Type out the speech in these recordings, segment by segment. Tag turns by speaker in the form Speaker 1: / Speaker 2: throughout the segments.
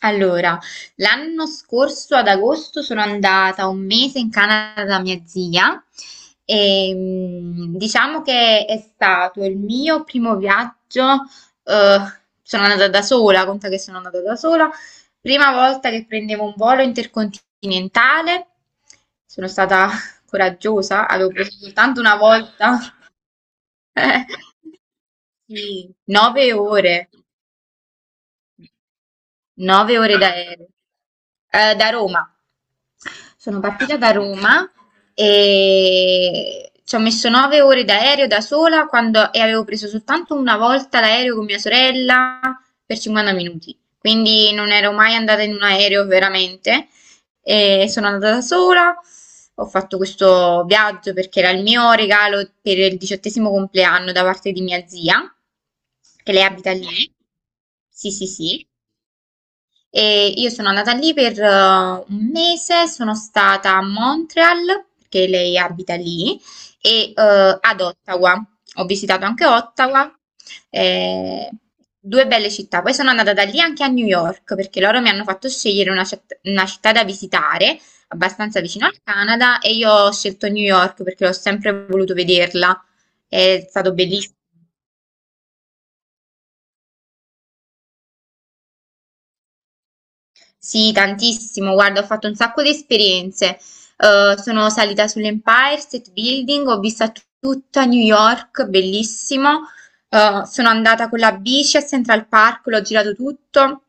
Speaker 1: Allora, l'anno scorso ad agosto sono andata un mese in Canada da mia zia e diciamo che è stato il mio primo viaggio, eh, sono andata da sola, conta che sono andata da sola, prima volta che prendevo un volo intercontinentale, sono stata coraggiosa, avevo preso soltanto una volta, sì, 9 ore, 9 ore d'aereo, da Roma. Sono partita da Roma e ci ho messo 9 ore d'aereo da sola e avevo preso soltanto una volta l'aereo con mia sorella per 50 minuti. Quindi non ero mai andata in un aereo veramente. E sono andata da sola. Ho fatto questo viaggio perché era il mio regalo per il 18° compleanno da parte di mia zia, che lei abita lì. Sì, sì, sì. E io sono andata lì per 1 mese, sono stata a Montreal, perché lei abita lì, e ad Ottawa. Ho visitato anche Ottawa, eh, due belle città. Poi sono andata da lì anche a New York, perché loro mi hanno fatto scegliere una una città da visitare, abbastanza vicino al Canada, e io ho scelto New York perché l'ho sempre voluto vederla. È stato bellissimo. Sì, tantissimo. Guarda, ho fatto un sacco di esperienze. Sono salita sull'Empire State Building, ho visto tutta New York, bellissimo. Sono andata con la bici a Central Park, l'ho girato tutto.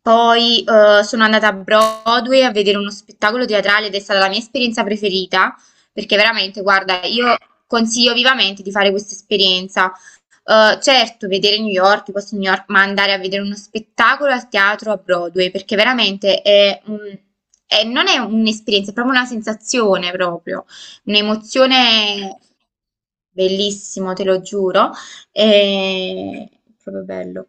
Speaker 1: Poi sono andata a Broadway a vedere uno spettacolo teatrale ed è stata la mia esperienza preferita, perché veramente, guarda, io consiglio vivamente di fare questa esperienza. Certo vedere New York, i posti di New York, ma andare a vedere uno spettacolo al teatro a Broadway, perché veramente è un è non è un'esperienza, è proprio una sensazione proprio, un'emozione bellissimo, te lo giuro, è proprio bello.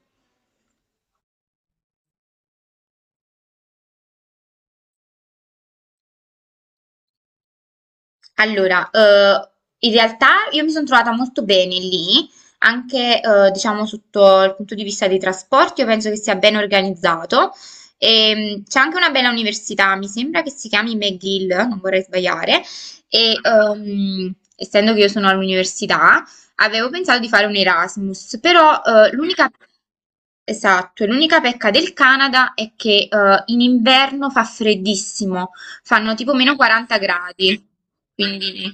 Speaker 1: Allora, in realtà io mi sono trovata molto bene lì, anche diciamo sotto il punto di vista dei trasporti, io penso che sia ben organizzato. E, c'è anche una bella università, mi sembra che si chiami McGill, non vorrei sbagliare, e essendo che io sono all'università, avevo pensato di fare un Erasmus, però l'unica... Esatto, l'unica pecca del Canada è che in inverno fa freddissimo. Fanno tipo meno 40 gradi, quindi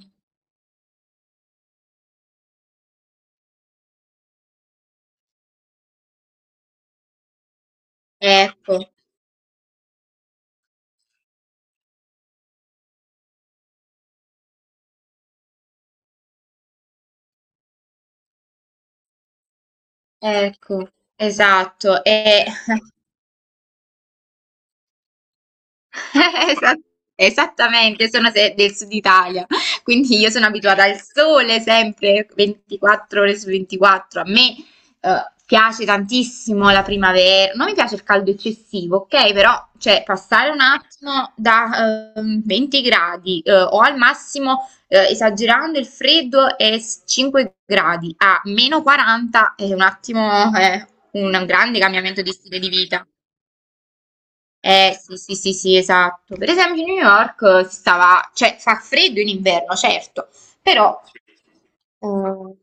Speaker 1: ecco, ecco, esatto. E Esat- Esattamente, io sono del sud Italia, quindi io sono abituata al sole sempre 24 ore su 24. A me piace tantissimo la primavera, non mi piace il caldo eccessivo, ok? Però cioè, passare un attimo da 20 gradi o al massimo esagerando il freddo 5 gradi a meno 40 è un attimo un grande cambiamento di stile di vita. Eh sì, sì, sì, sì, esatto. Per esempio, New York stava, cioè fa freddo in inverno, certo, però eh,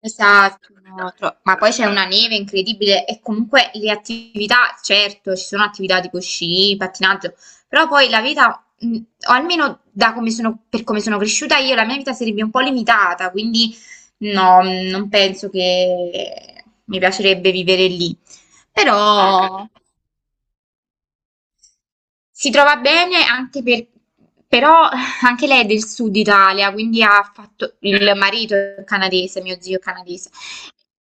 Speaker 1: esatto, no, ma poi c'è una neve incredibile e comunque le attività, certo, ci sono attività tipo sci, pattinaggio, però poi la vita, o almeno per come sono cresciuta io, la mia vita sarebbe un po' limitata, quindi no, non penso che mi piacerebbe vivere lì. Però si trova bene però anche lei è del sud Italia, quindi ha fatto, il marito è canadese, mio zio è canadese,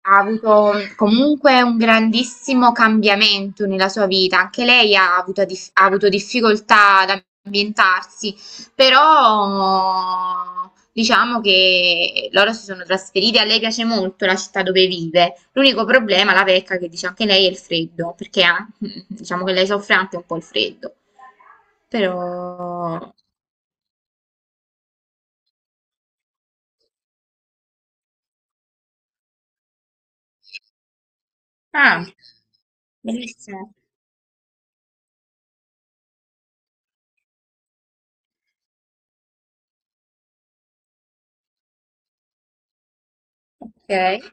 Speaker 1: ha avuto comunque un grandissimo cambiamento nella sua vita. Anche lei ha avuto, ha avuto difficoltà ad ambientarsi, però diciamo che loro si sono trasferiti. A lei piace molto la città dove vive. L'unico problema, la vecchia che dice anche lei, è il freddo, perché diciamo che lei soffre anche un po' il freddo. Però... Ah, bellissimo. Ok.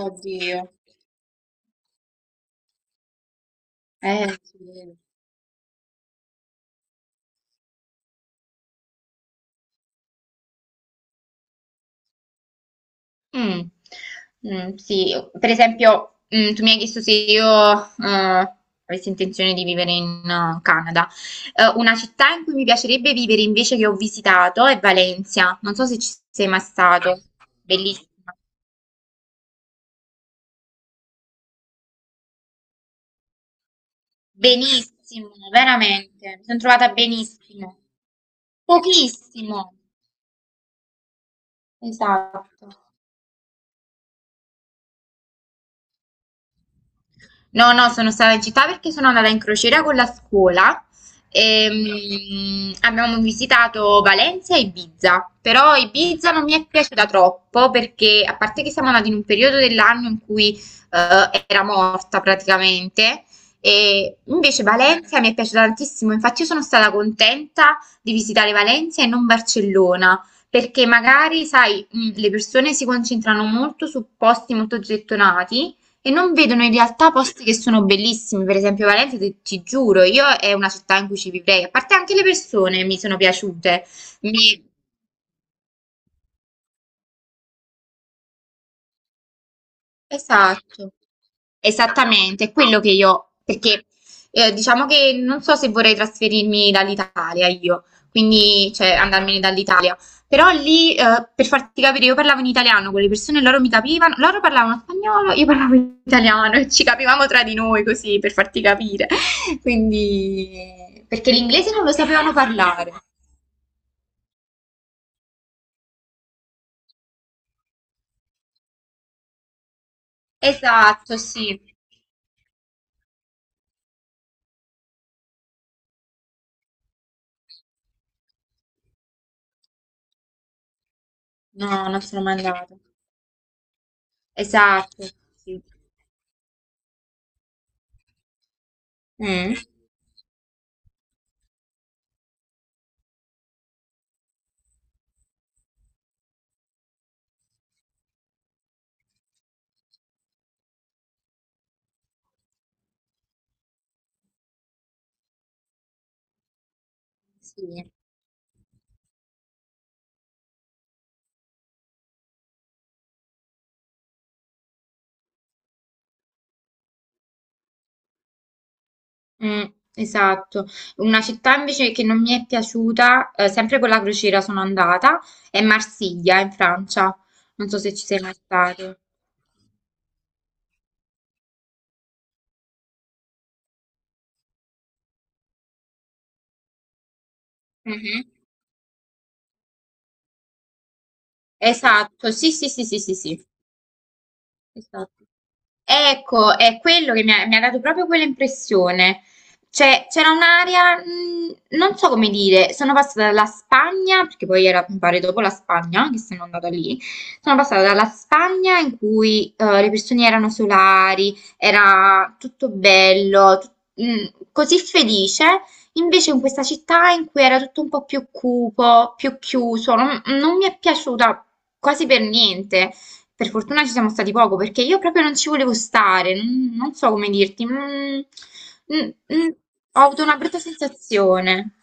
Speaker 1: Oddio. Sì. Mm. Mm, sì, per esempio, mm, tu mi hai chiesto se io avessi intenzione di vivere in Canada. Una città in cui mi piacerebbe vivere invece che ho visitato è Valencia. Non so se ci sei mai stato. Bellissima. Benissimo, veramente. Mi sono trovata benissimo. Pochissimo. Esatto. No, no, sono stata in città perché sono andata in crociera con la scuola e abbiamo visitato Valencia e Ibiza, però Ibiza non mi è piaciuta troppo perché a parte che siamo andati in un periodo dell'anno in cui era morta praticamente, e invece Valencia mi è piaciuta tantissimo, infatti io sono stata contenta di visitare Valencia e non Barcellona. Perché magari, sai, le persone si concentrano molto su posti molto gettonati, e non vedono in realtà posti che sono bellissimi, per esempio Valencia, ti giuro, io è una città in cui ci vivrei, a parte anche le persone mi sono piaciute, mi, esatto. Esattamente, è quello che io, perché diciamo che non so se vorrei trasferirmi dall'Italia io, quindi cioè andarmene dall'Italia, però lì per farti capire io parlavo in italiano con le persone, loro mi capivano, loro parlavano spagnolo, io parlavo in italiano e ci capivamo tra di noi così per farti capire, quindi perché l'inglese non lo sapevano parlare. Esatto, sì. No, non sono mai andata. Esatto, sì. Mm. Sì, mm, esatto. Una città invece che non mi è piaciuta, sempre con la crociera sono andata, è Marsiglia in Francia. Non so se ci sei mai stato. Mhm. Esatto, sì, sì, sì, sì, sì, sì. Esatto. Ecco, è quello che mi ha dato proprio quella impressione. Cioè, c'era un'area, non so come dire, sono passata dalla Spagna, perché poi era, mi pare, dopo la Spagna, che sono andata lì, sono passata dalla Spagna in cui le persone erano solari, era tutto bello, mh, così felice, invece in questa città in cui era tutto un po' più cupo, più chiuso, non mi è piaciuta quasi per niente. Per fortuna ci siamo stati poco perché io proprio non ci volevo stare, non so come dirti. Mm, mm, mm, ho avuto una brutta sensazione.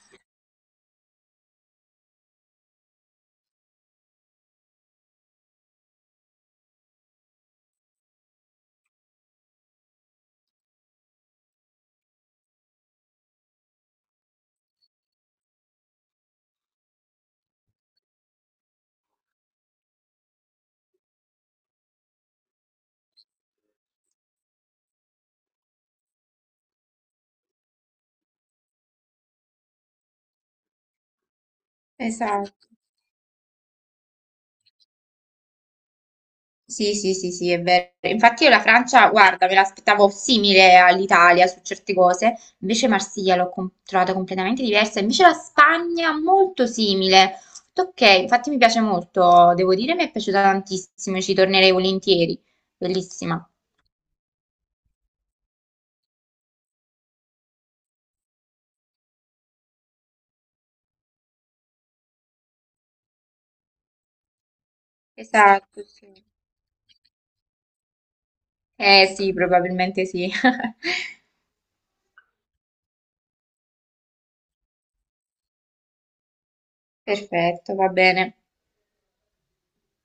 Speaker 1: Esatto. Sì, sì, sì, sì, è vero. Infatti io la Francia, guarda, me l'aspettavo simile all'Italia su certe cose, invece Marsiglia l'ho trovata completamente diversa, invece la Spagna molto simile. Ho detto, ok, infatti mi piace molto, devo dire, mi è piaciuta tantissimo, ci tornerei volentieri. Bellissima. Esatto, sì. Eh sì, probabilmente sì. Perfetto, va bene.